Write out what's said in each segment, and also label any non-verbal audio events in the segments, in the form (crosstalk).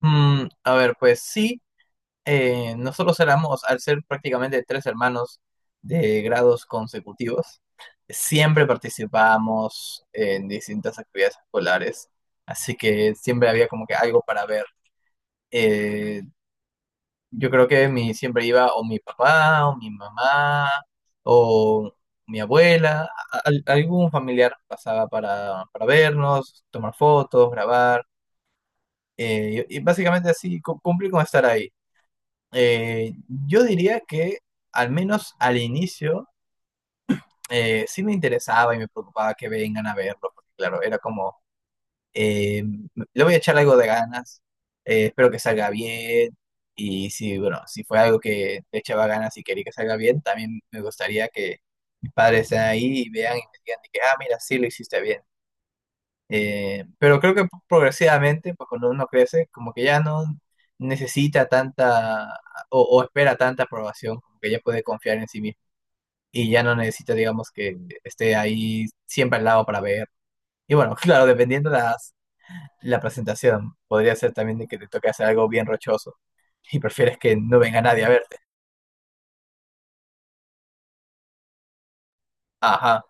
A ver, pues sí, nosotros éramos, al ser prácticamente tres hermanos de grados consecutivos, siempre participábamos en distintas actividades escolares, así que siempre había como que algo para ver. Eh, yo creo que siempre iba o mi papá, o mi mamá, o mi abuela, algún familiar pasaba para vernos, tomar fotos, grabar, y básicamente así, cumplir con estar ahí. Eh, yo diría que al menos al inicio sí me interesaba y me preocupaba que vengan a verlo, porque claro, era como, eh, le voy a echar algo de ganas, espero que salga bien, y si, bueno, si fue algo que le echaba ganas y quería que salga bien, también me gustaría que mis padres estén ahí y vean y me digan de que, ah, mira, sí lo hiciste bien. Pero creo que progresivamente, pues cuando uno crece, como que ya no necesita tanta o espera tanta aprobación, como que ya puede confiar en sí mismo y ya no necesita, digamos, que esté ahí siempre al lado para ver. Y bueno, (laughs) claro, dependiendo la presentación, podría ser también de que te toque hacer algo bien rochoso y prefieres que no venga nadie a verte. Ajá.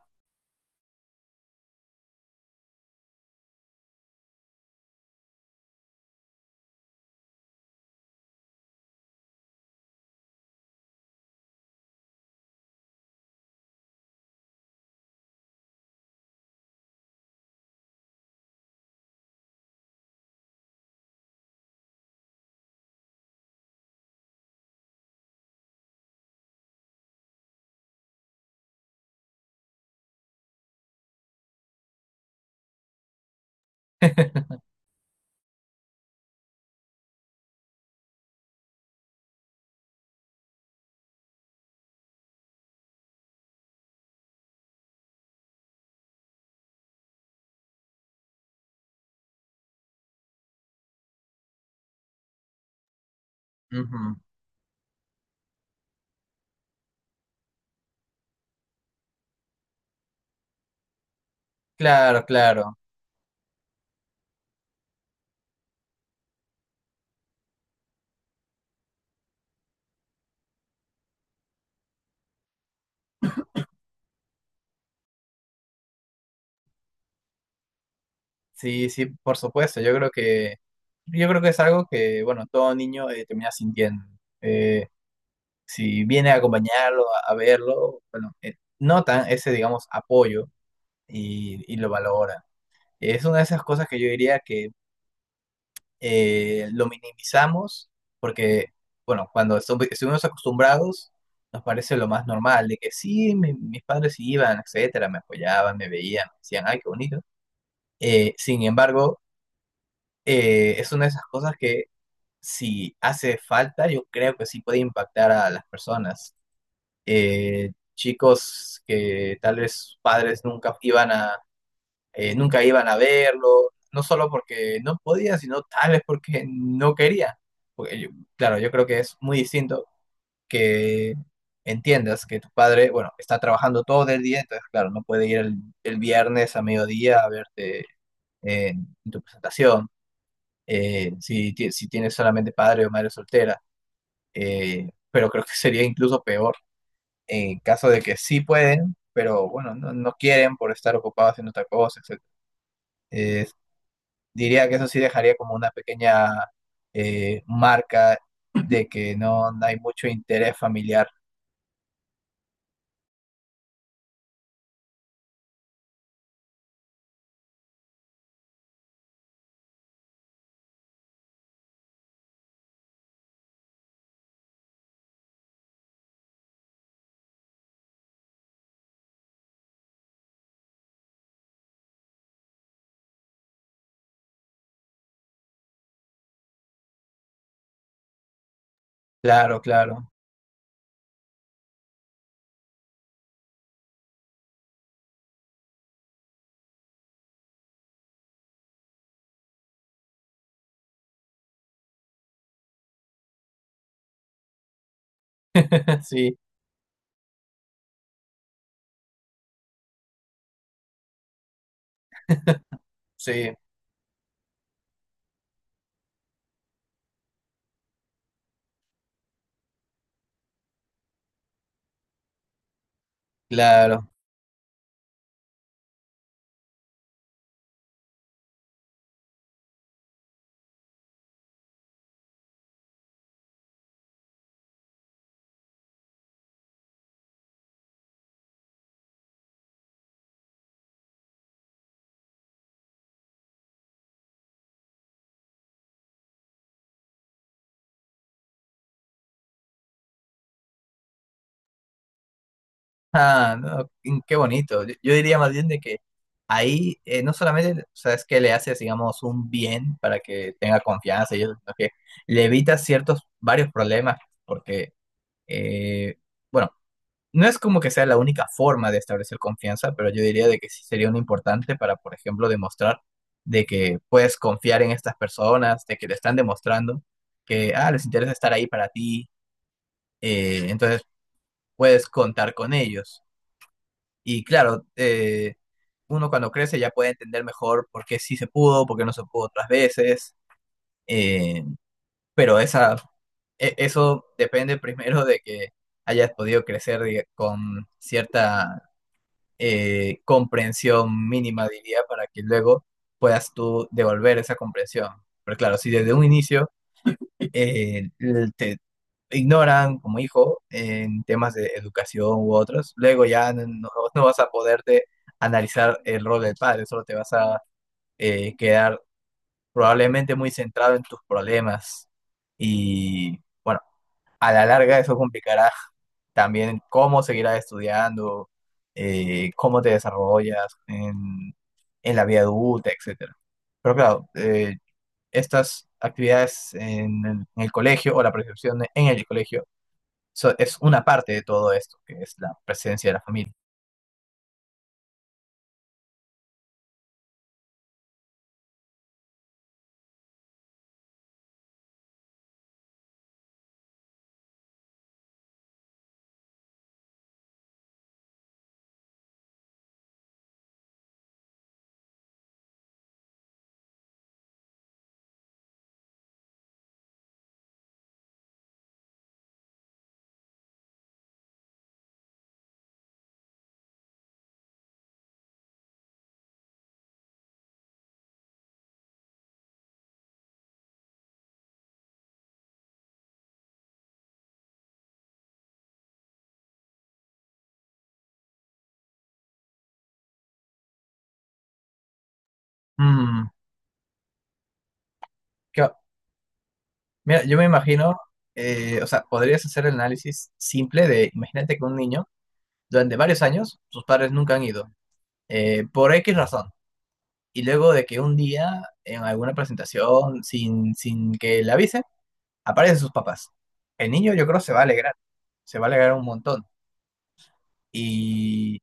(laughs) Ujú. Claro, claro. Sí, sí, por supuesto. Yo creo que es algo que, bueno, todo niño termina sintiendo. Eh, si viene a acompañarlo, a verlo, bueno, notan ese, digamos, apoyo y lo valoran. Es una de esas cosas que yo diría que lo minimizamos porque, bueno, cuando estuvimos acostumbrados, nos parece lo más normal, de que sí, mis padres iban, etcétera, me apoyaban, me veían, me decían, ay, qué bonito. Sin embargo, es una de esas cosas que si hace falta, yo creo que sí puede impactar a las personas. Chicos que tal vez sus padres nunca iban nunca iban a verlo, no solo porque no podía, sino tal vez porque no quería. Porque yo- claro, yo creo que es muy distinto que entiendas que tu padre, bueno, está trabajando todo el día, entonces claro, no puede ir el viernes a mediodía a verte en tu presentación. Si tienes solamente padre o madre soltera pero creo que sería incluso peor en caso de que sí pueden, pero bueno, no quieren por estar ocupados haciendo otra cosa, etc. Eh, Diría que eso sí dejaría como una pequeña marca de que no hay mucho interés familiar. Claro, claro. (laughs) Sí, sí, claro. Ah, no, qué bonito. Yo diría más bien de que ahí no solamente, o sea, es que le haces, digamos, un bien para que tenga confianza y eso, sino que le evitas varios problemas, porque, eh, bueno, no es como que sea la única forma de establecer confianza, pero yo diría de que sí sería un importante para, por ejemplo, demostrar de que puedes confiar en estas personas, de que te están demostrando que, ah, les interesa estar ahí para ti, entonces puedes contar con ellos. Y claro, uno cuando crece ya puede entender mejor por qué sí se pudo, por qué no se pudo otras veces, eh, pero eso depende primero de que hayas podido crecer con cierta comprensión mínima, diría, para que luego puedas tú devolver esa comprensión. Pero claro, si desde un inicio te ignoran como hijo en temas de educación u otros, luego ya no vas a poderte analizar el rol del padre, solo te vas a quedar probablemente muy centrado en tus problemas y bueno, a la larga eso complicará también cómo seguirás estudiando, cómo te desarrollas en la vida adulta, etcétera. Pero claro, estas actividades en el colegio o la percepción en el colegio es una parte de todo esto, que es la presencia de la familia. Mm, que- mira, yo me imagino, o sea, podrías hacer el análisis simple de, imagínate que un niño, durante varios años, sus padres nunca han ido, por X razón, y luego de que un día, en alguna presentación, sin que le avisen, aparecen sus papás. El niño yo creo se va a alegrar, se va a alegrar un montón. Y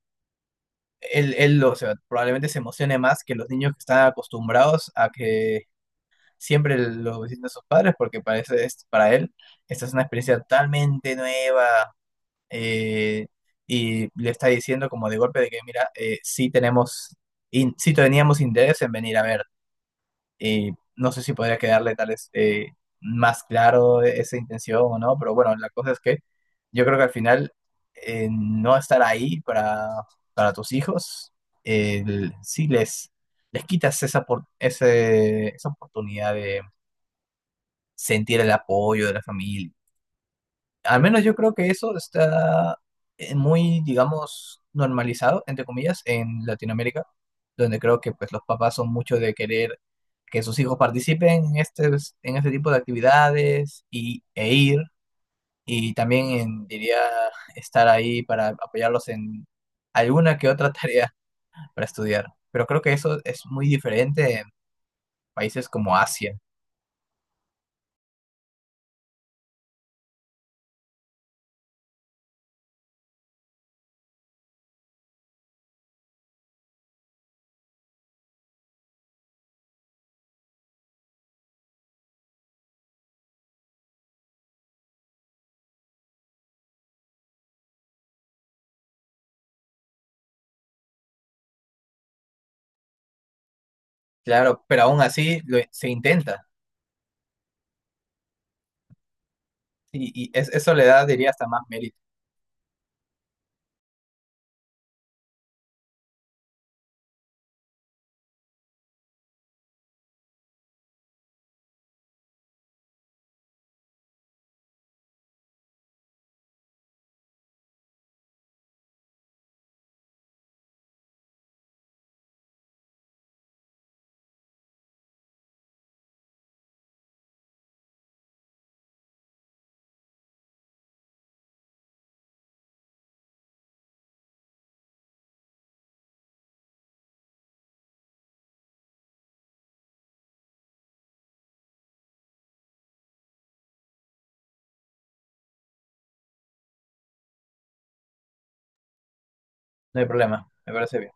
él o sea, probablemente se emocione más que los niños que están acostumbrados a que siempre lo visiten sus padres, porque parece, es, para él esta es una experiencia totalmente nueva eh, y le está diciendo como de golpe de que, mira, sí teníamos interés en venir a ver. Y no sé si podría quedarle tal vez más claro esa intención o no, pero bueno, la cosa es que yo creo que al final no estar ahí para tus hijos, eh, sí les, les quitas esa oportunidad de sentir el apoyo de la familia. Al menos yo creo que eso está muy, digamos, normalizado, entre comillas, en Latinoamérica, donde creo que pues los papás son mucho de querer que sus hijos participen en en este tipo de actividades e ir, y también diría estar ahí para apoyarlos en alguna que otra (laughs) tarea para estudiar. Pero creo que eso es muy diferente en países como Asia. Claro, pero aún así se intenta. Y, eso le da, diría, hasta más mérito. No hay problema, me parece bien.